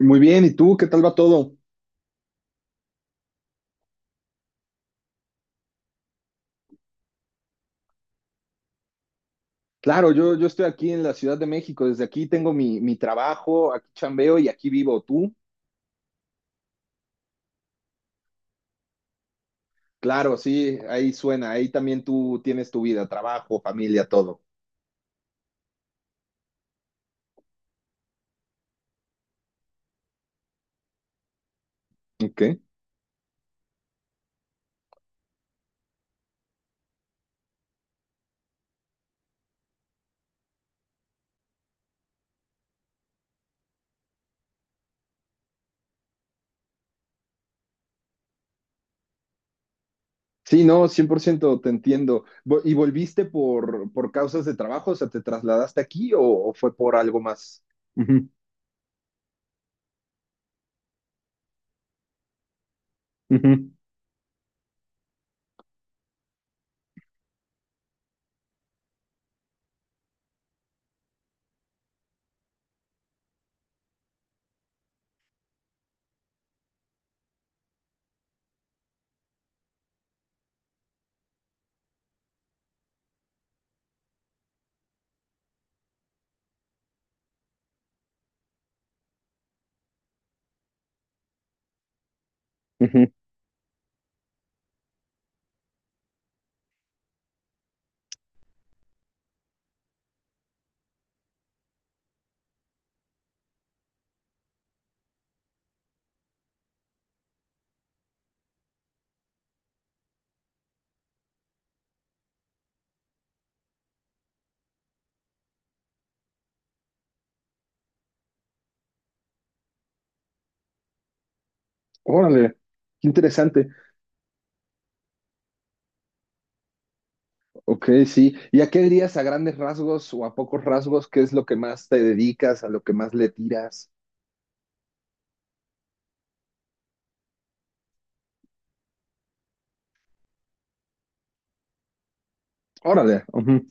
Muy bien, ¿y tú qué tal va todo? Claro, yo estoy aquí en la Ciudad de México. Desde aquí tengo mi trabajo, aquí chambeo y aquí vivo. ¿Tú? Claro, sí, ahí suena, ahí también tú tienes tu vida, trabajo, familia, todo. Ok. Sí, no, 100% te entiendo. ¿Y volviste por causas de trabajo? O sea, ¿te trasladaste aquí o fue por algo más? Ujú, ujú, ujú. Órale, qué interesante. Ok, sí. ¿Y a qué dirías, a grandes rasgos o a pocos rasgos? ¿Qué es lo que más te dedicas, a lo que más le tiras? Órale. Ujú.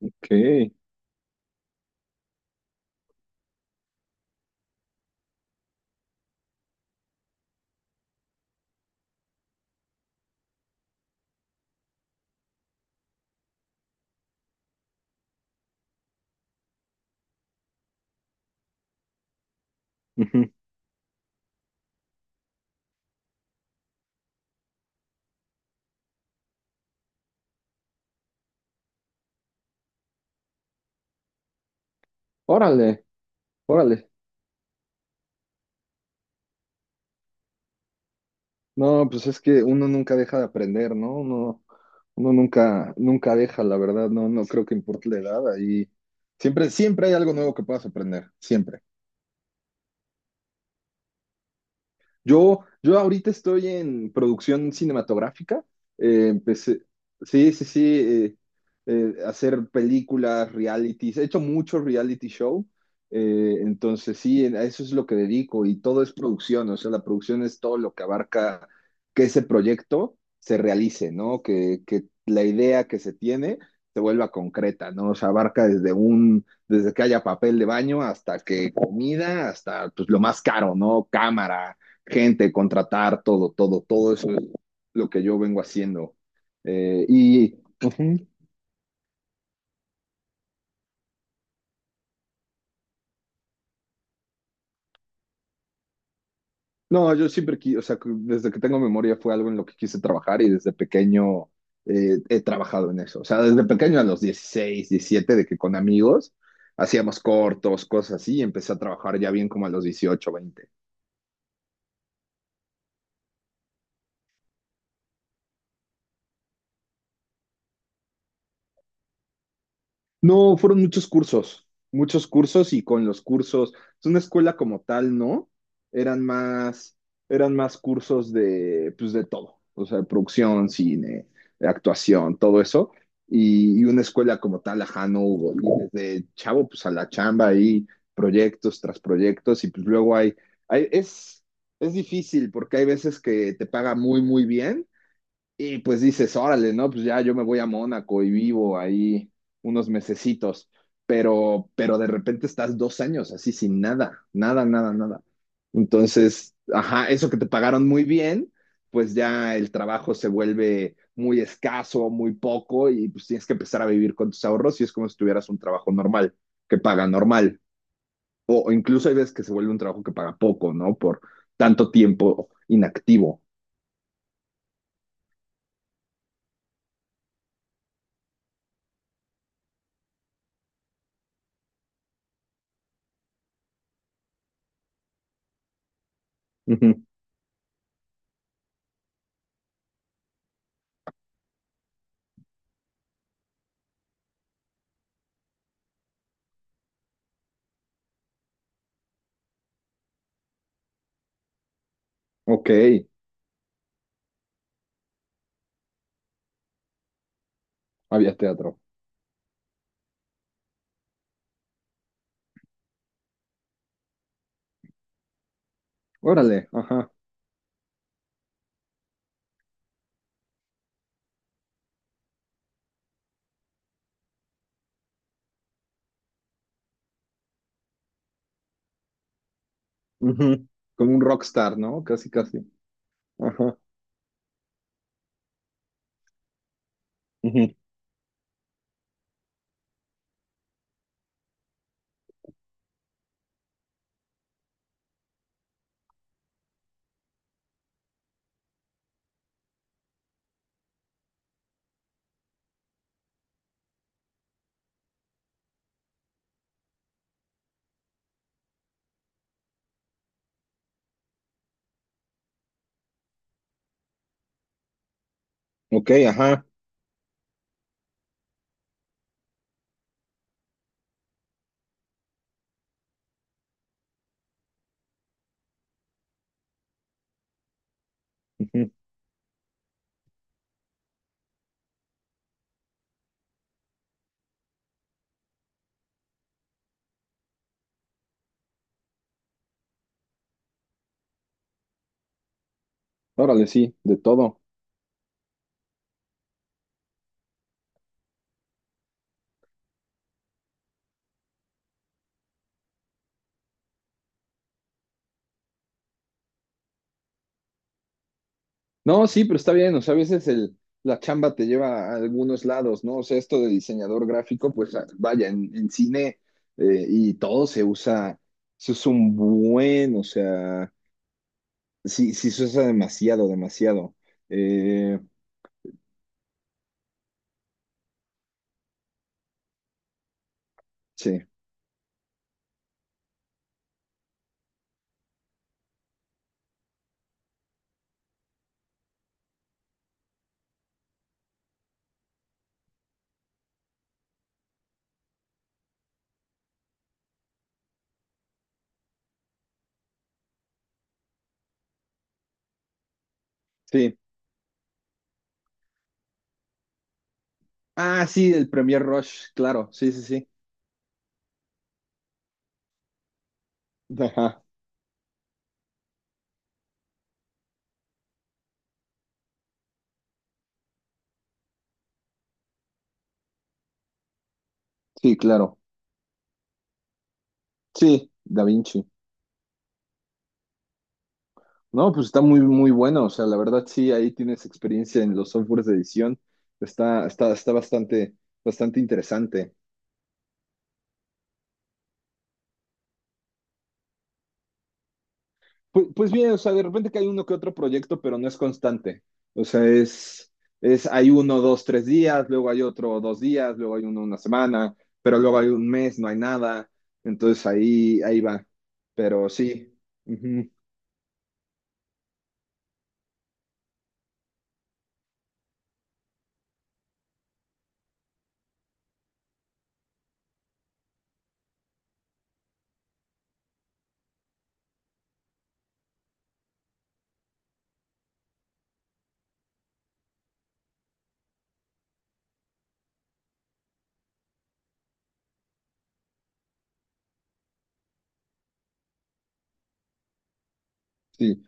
Ok. Ujú. Órale, órale. No, pues es que uno nunca deja de aprender, ¿no? Uno nunca, nunca deja, la verdad, no, no creo que importe la edad. Ahí siempre, siempre hay algo nuevo que puedas aprender, siempre. Yo ahorita estoy en producción cinematográfica. Empecé, sí, sí, sí, hacer películas, realities. He hecho mucho reality show. Entonces, sí, a eso es lo que dedico, y todo es producción. O sea, la producción es todo lo que abarca que ese proyecto se realice, ¿no? Que la idea que se tiene se vuelva concreta, ¿no? O sea, abarca desde que haya papel de baño, hasta que comida, hasta pues lo más caro, ¿no? Cámara, gente, contratar, todo, todo, todo eso es lo que yo vengo haciendo. Eh, y Ujú. No, yo siempre, o sea, que desde que tengo memoria fue algo en lo que quise trabajar, y desde pequeño he trabajado en eso. O sea, desde pequeño, a los 16, 17, de que con amigos hacíamos cortos, cosas así, y empecé a trabajar ya bien como a los 18, 20. No, fueron muchos cursos, muchos cursos, y con los cursos, es una escuela como tal, ¿no? Eran más, eran más cursos de, pues, de todo. O sea, de producción, cine, de actuación, todo eso. Y una escuela como tal, ajá, no hubo. Y desde chavo, pues, a la chamba ahí, proyectos tras proyectos. Y pues luego hay, hay es difícil, porque hay veces que te paga muy, muy bien, y pues dices, órale, ¿no? Pues ya yo me voy a Mónaco y vivo ahí unos mesecitos. Pero de repente estás 2 años así sin nada, nada, nada, nada. Entonces, ajá, eso que te pagaron muy bien, pues ya el trabajo se vuelve muy escaso, muy poco, y pues tienes que empezar a vivir con tus ahorros, y es como si tuvieras un trabajo normal, que paga normal. O incluso hay veces que se vuelve un trabajo que paga poco, ¿no? Por tanto tiempo inactivo. Ujú. Ok, había teatro. Órale, ajá, ujú. Como un rockstar, ¿no? Casi, casi. Ajá, ujú. Ok, ajá, ujú. Órale, sí, de todo. No, sí, pero está bien. O sea, a veces la chamba te lleva a algunos lados, ¿no? O sea, esto de diseñador gráfico, pues ah, vaya, en cine y todo se usa un buen. O sea, sí, sí se usa demasiado, demasiado. Eh, sí, sí. Ah, sí, el Premier Rush, claro, sí, sí, sí. Ajá, sí, claro. Sí, Da Vinci. No, pues está muy, muy bueno. O sea, la verdad sí, ahí tienes experiencia en los softwares de edición. Está bastante, bastante interesante. Pues bien, o sea, de repente que hay uno que otro proyecto, pero no es constante. O sea, hay uno, dos, tres días, luego hay otro, 2 días, luego hay uno, una semana, pero luego hay un mes, no hay nada. Entonces ahí, ahí va. Pero sí, ujú, sí.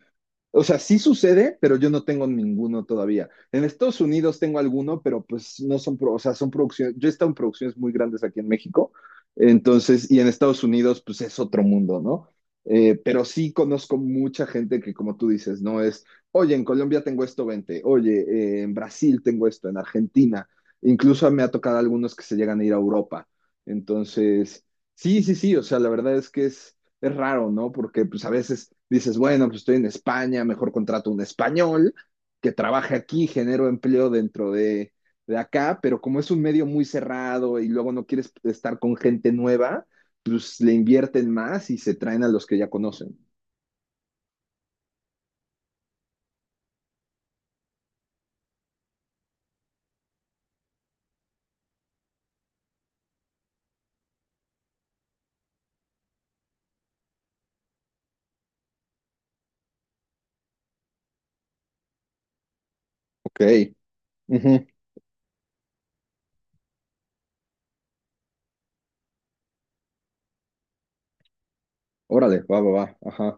O sea, sí sucede, pero yo no tengo ninguno todavía. En Estados Unidos tengo alguno, pero pues no son, o sea, son producciones. Yo he estado en producciones muy grandes aquí en México. Entonces, y en Estados Unidos, pues es otro mundo, ¿no? Pero sí conozco mucha gente que, como tú dices, no es, oye, en Colombia tengo esto, vente. Oye, en Brasil tengo esto, en Argentina, incluso me ha tocado algunos que se llegan a ir a Europa. Entonces, sí, sí, sí, o sea, la verdad es que es raro, ¿no? Porque pues a veces dices, bueno, pues estoy en España, mejor contrato un español que trabaje aquí, genero empleo dentro de acá. Pero como es un medio muy cerrado, y luego no quieres estar con gente nueva, pues le invierten más y se traen a los que ya conocen. Ok, ujú. Órale, va, va, va, ajá,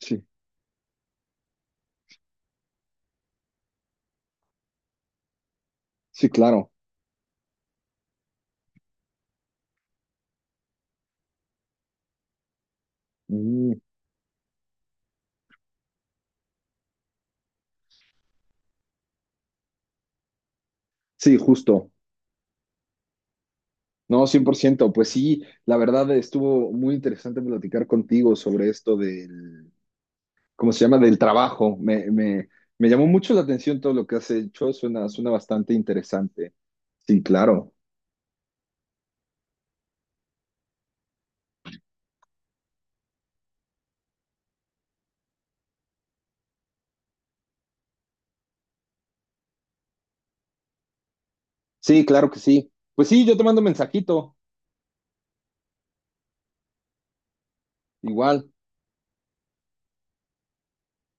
sí, sí, claro. Mm. Sí, justo. No, 100%, pues sí. La verdad, estuvo muy interesante platicar contigo sobre esto del, ¿cómo se llama? Del trabajo. Me llamó mucho la atención todo lo que has hecho. Suena, suena bastante interesante. Sí, claro. Sí, claro que sí. Pues sí, yo te mando un mensajito. Igual.